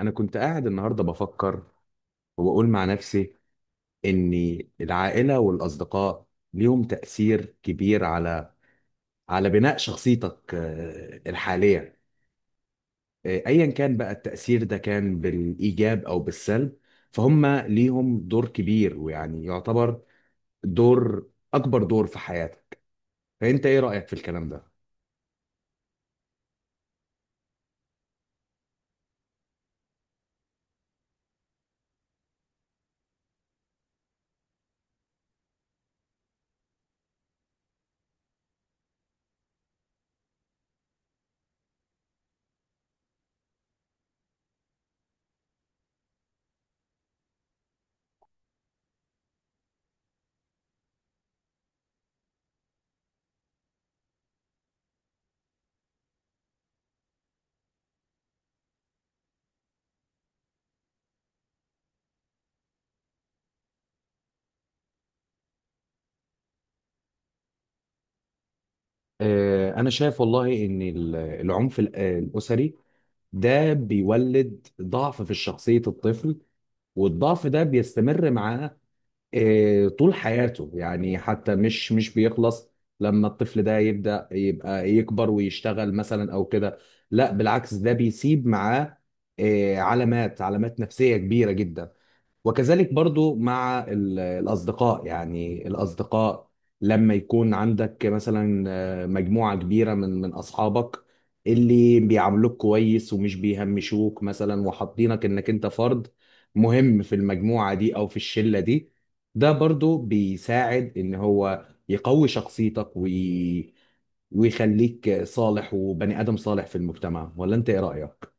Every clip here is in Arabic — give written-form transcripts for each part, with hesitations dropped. انا كنت قاعد النهارده بفكر وبقول مع نفسي ان العائله والاصدقاء ليهم تاثير كبير على بناء شخصيتك الحاليه. ايا كان بقى التاثير ده كان بالايجاب او بالسلب، فهم ليهم دور كبير ويعني يعتبر دور اكبر دور في حياتك. فانت ايه رايك في الكلام ده؟ انا شايف والله ان العنف الاسري ده بيولد ضعف في شخصية الطفل، والضعف ده بيستمر معاه طول حياته، يعني حتى مش بيخلص لما الطفل ده يبدأ يبقى يكبر ويشتغل مثلا او كده. لا بالعكس، ده بيسيب معاه علامات نفسية كبيرة جدا. وكذلك برضو مع الأصدقاء، يعني الأصدقاء لما يكون عندك مثلا مجموعة كبيرة من أصحابك اللي بيعاملوك كويس ومش بيهمشوك مثلا، وحاطينك إنك أنت فرد مهم في المجموعة دي أو في الشلة دي، ده برضو بيساعد إن هو يقوي شخصيتك ويخليك صالح وبني آدم صالح في المجتمع. ولا أنت إيه رأيك؟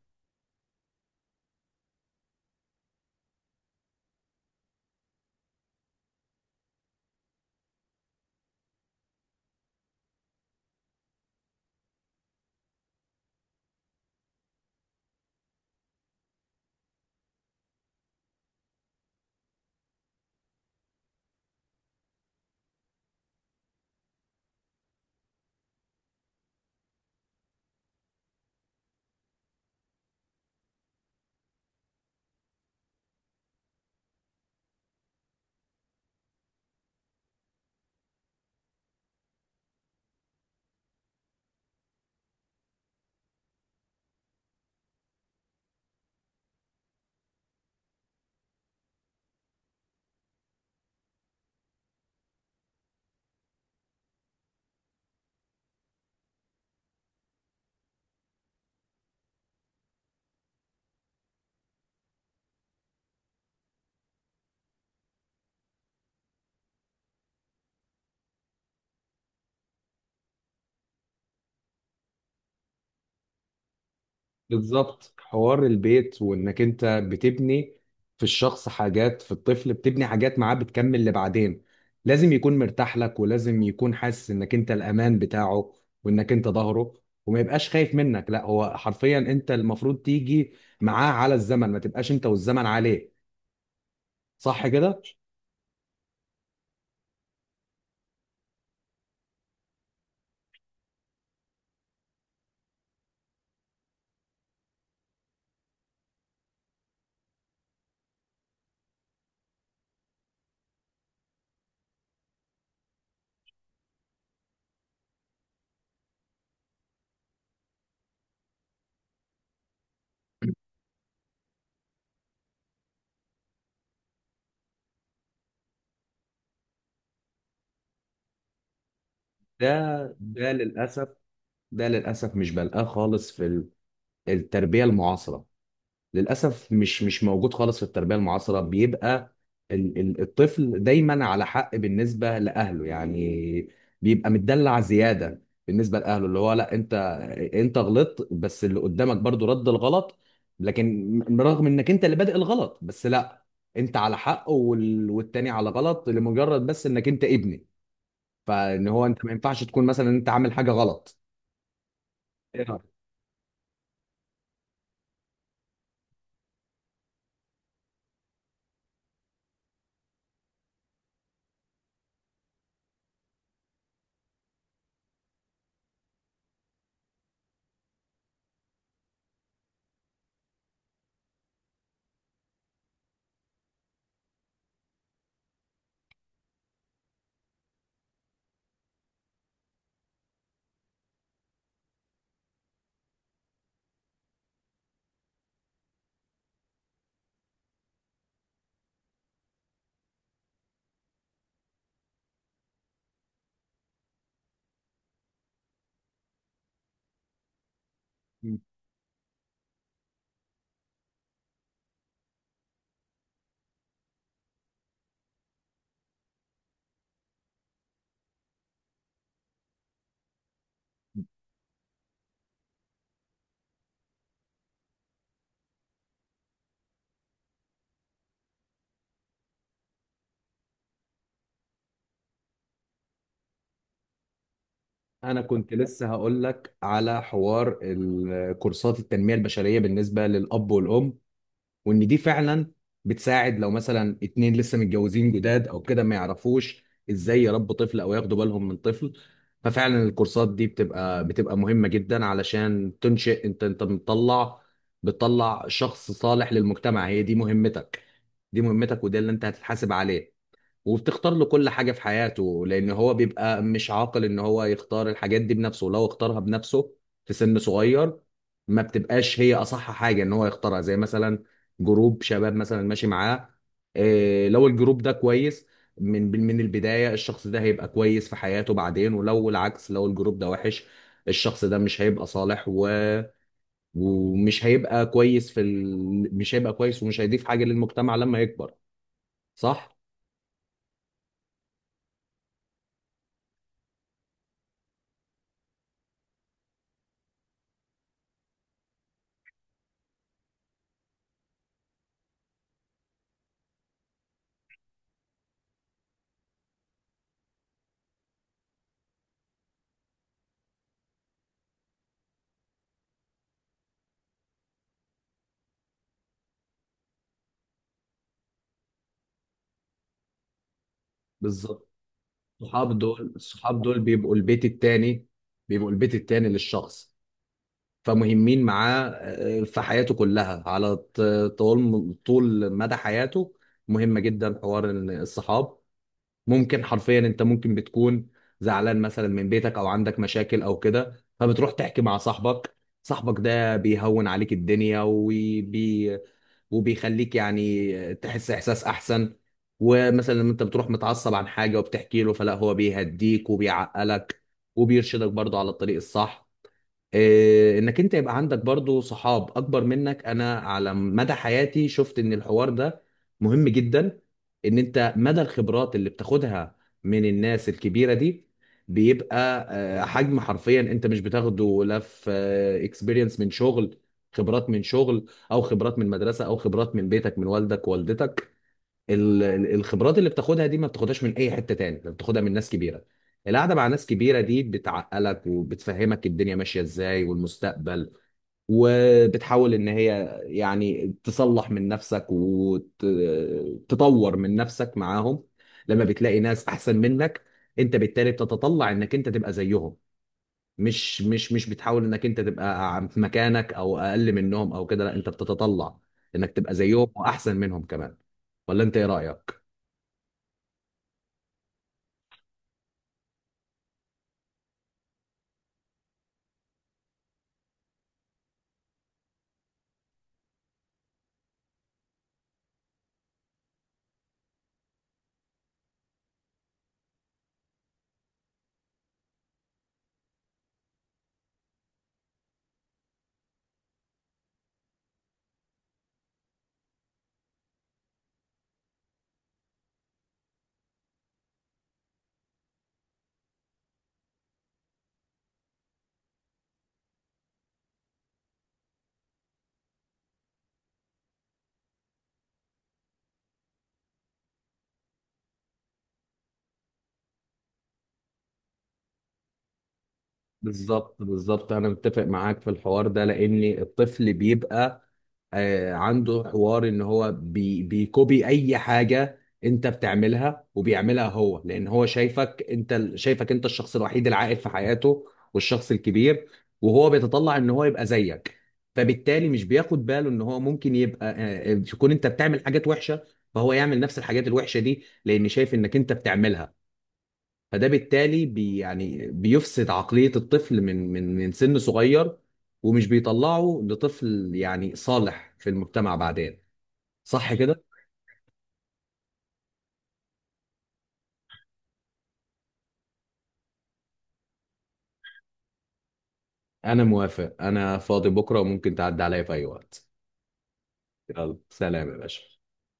بالظبط، حوار البيت، وانك انت بتبني في الشخص حاجات، في الطفل بتبني حاجات معاه بتكمل لبعدين. لازم يكون مرتاح لك، ولازم يكون حاسس انك انت الامان بتاعه، وانك انت ظهره، وما يبقاش خايف منك. لا هو حرفيا انت المفروض تيجي معاه على الزمن، ما تبقاش انت والزمن عليه. صح كده؟ ده ده للاسف، للاسف مش بلقاه خالص في التربية المعاصرة. للاسف مش موجود خالص في التربيه المعاصره. بيبقى الطفل دايما على حق بالنسبه لاهله، يعني بيبقى متدلع زياده بالنسبه لاهله. اللي هو لا، انت غلطت بس اللي قدامك برضو رد الغلط، لكن رغم انك انت اللي بادئ الغلط، بس لا انت على حق والتاني على غلط، لمجرد بس انك انت ابني. فان هو انت ما ينفعش تكون مثلا انت عامل حاجه غلط. إيه رأيك؟ انا كنت لسه هقول لك على حوار كورسات التنميه البشريه بالنسبه للاب والام، وان دي فعلا بتساعد لو مثلا اتنين لسه متجوزين جداد او كده، ما يعرفوش ازاي يربوا طفل او ياخدوا بالهم من طفل. ففعلا الكورسات دي بتبقى مهمه جدا، علشان تنشئ انت، انت بتطلع شخص صالح للمجتمع. هي دي مهمتك، دي مهمتك، وده اللي انت هتتحاسب عليه. وبتختار له كل حاجة في حياته، لأن هو بيبقى مش عاقل إن هو يختار الحاجات دي بنفسه. ولو اختارها بنفسه في سن صغير ما بتبقاش هي أصح حاجة إن هو يختارها، زي مثلا جروب شباب مثلا ماشي معاه. إيه، لو الجروب ده كويس من البداية الشخص ده هيبقى كويس في حياته بعدين، ولو العكس، لو الجروب ده وحش الشخص ده مش هيبقى صالح ومش هيبقى كويس في مش هيبقى كويس ومش هيضيف حاجة للمجتمع لما يكبر. صح؟ بالظبط. الصحاب دول بيبقوا البيت التاني، بيبقوا البيت التاني للشخص، فمهمين معاه في حياته كلها على طول مدى حياته. مهمة جدا حوار إن الصحاب، ممكن حرفيا انت ممكن بتكون زعلان مثلا من بيتك او عندك مشاكل او كده، فبتروح تحكي مع صاحبك. صاحبك ده بيهون عليك الدنيا، وبيخليك يعني تحس احساس احسن. ومثلا لما انت بتروح متعصب عن حاجه وبتحكي له، فلا هو بيهديك وبيعقلك وبيرشدك برضه على الطريق الصح. إيه، انك انت يبقى عندك برضو صحاب اكبر منك، انا على مدى حياتي شفت ان الحوار ده مهم جدا. ان انت مدى الخبرات اللي بتاخدها من الناس الكبيرة دي بيبقى حجم حرفيا انت مش بتاخده لا في اكسبيرينس من شغل، خبرات من شغل، او خبرات من مدرسة، او خبرات من بيتك من والدك ووالدتك. الخبرات اللي بتاخدها دي ما بتاخدهاش من اي حته تاني، ده بتاخدها من ناس كبيره. القعده مع ناس كبيره دي بتعقلك وبتفهمك الدنيا ماشيه ازاي والمستقبل، وبتحاول ان هي يعني تصلح من نفسك وتطور من نفسك معاهم. لما بتلاقي ناس احسن منك انت بالتالي بتتطلع انك انت تبقى زيهم، مش بتحاول انك انت تبقى في مكانك او اقل منهم او كده. لا انت بتتطلع انك تبقى زيهم واحسن منهم كمان. ولا انت ايه رايك؟ بالظبط، انا متفق معاك في الحوار ده، لان الطفل بيبقى عنده حوار ان هو بيكوبي اي حاجه انت بتعملها وبيعملها هو، لان هو شايفك انت شايفك انت الشخص الوحيد العاقل في حياته والشخص الكبير، وهو بيتطلع ان هو يبقى زيك. فبالتالي مش بياخد باله ان هو ممكن يبقى تكون انت بتعمل حاجات وحشه، فهو يعمل نفس الحاجات الوحشه دي لان شايف انك انت بتعملها. فده بالتالي يعني بيفسد عقلية الطفل من سن صغير، ومش بيطلعه لطفل يعني صالح في المجتمع بعدين. صح كده؟ أنا موافق، أنا فاضي بكرة وممكن تعدي عليا في أي وقت. يلا سلام يا باشا.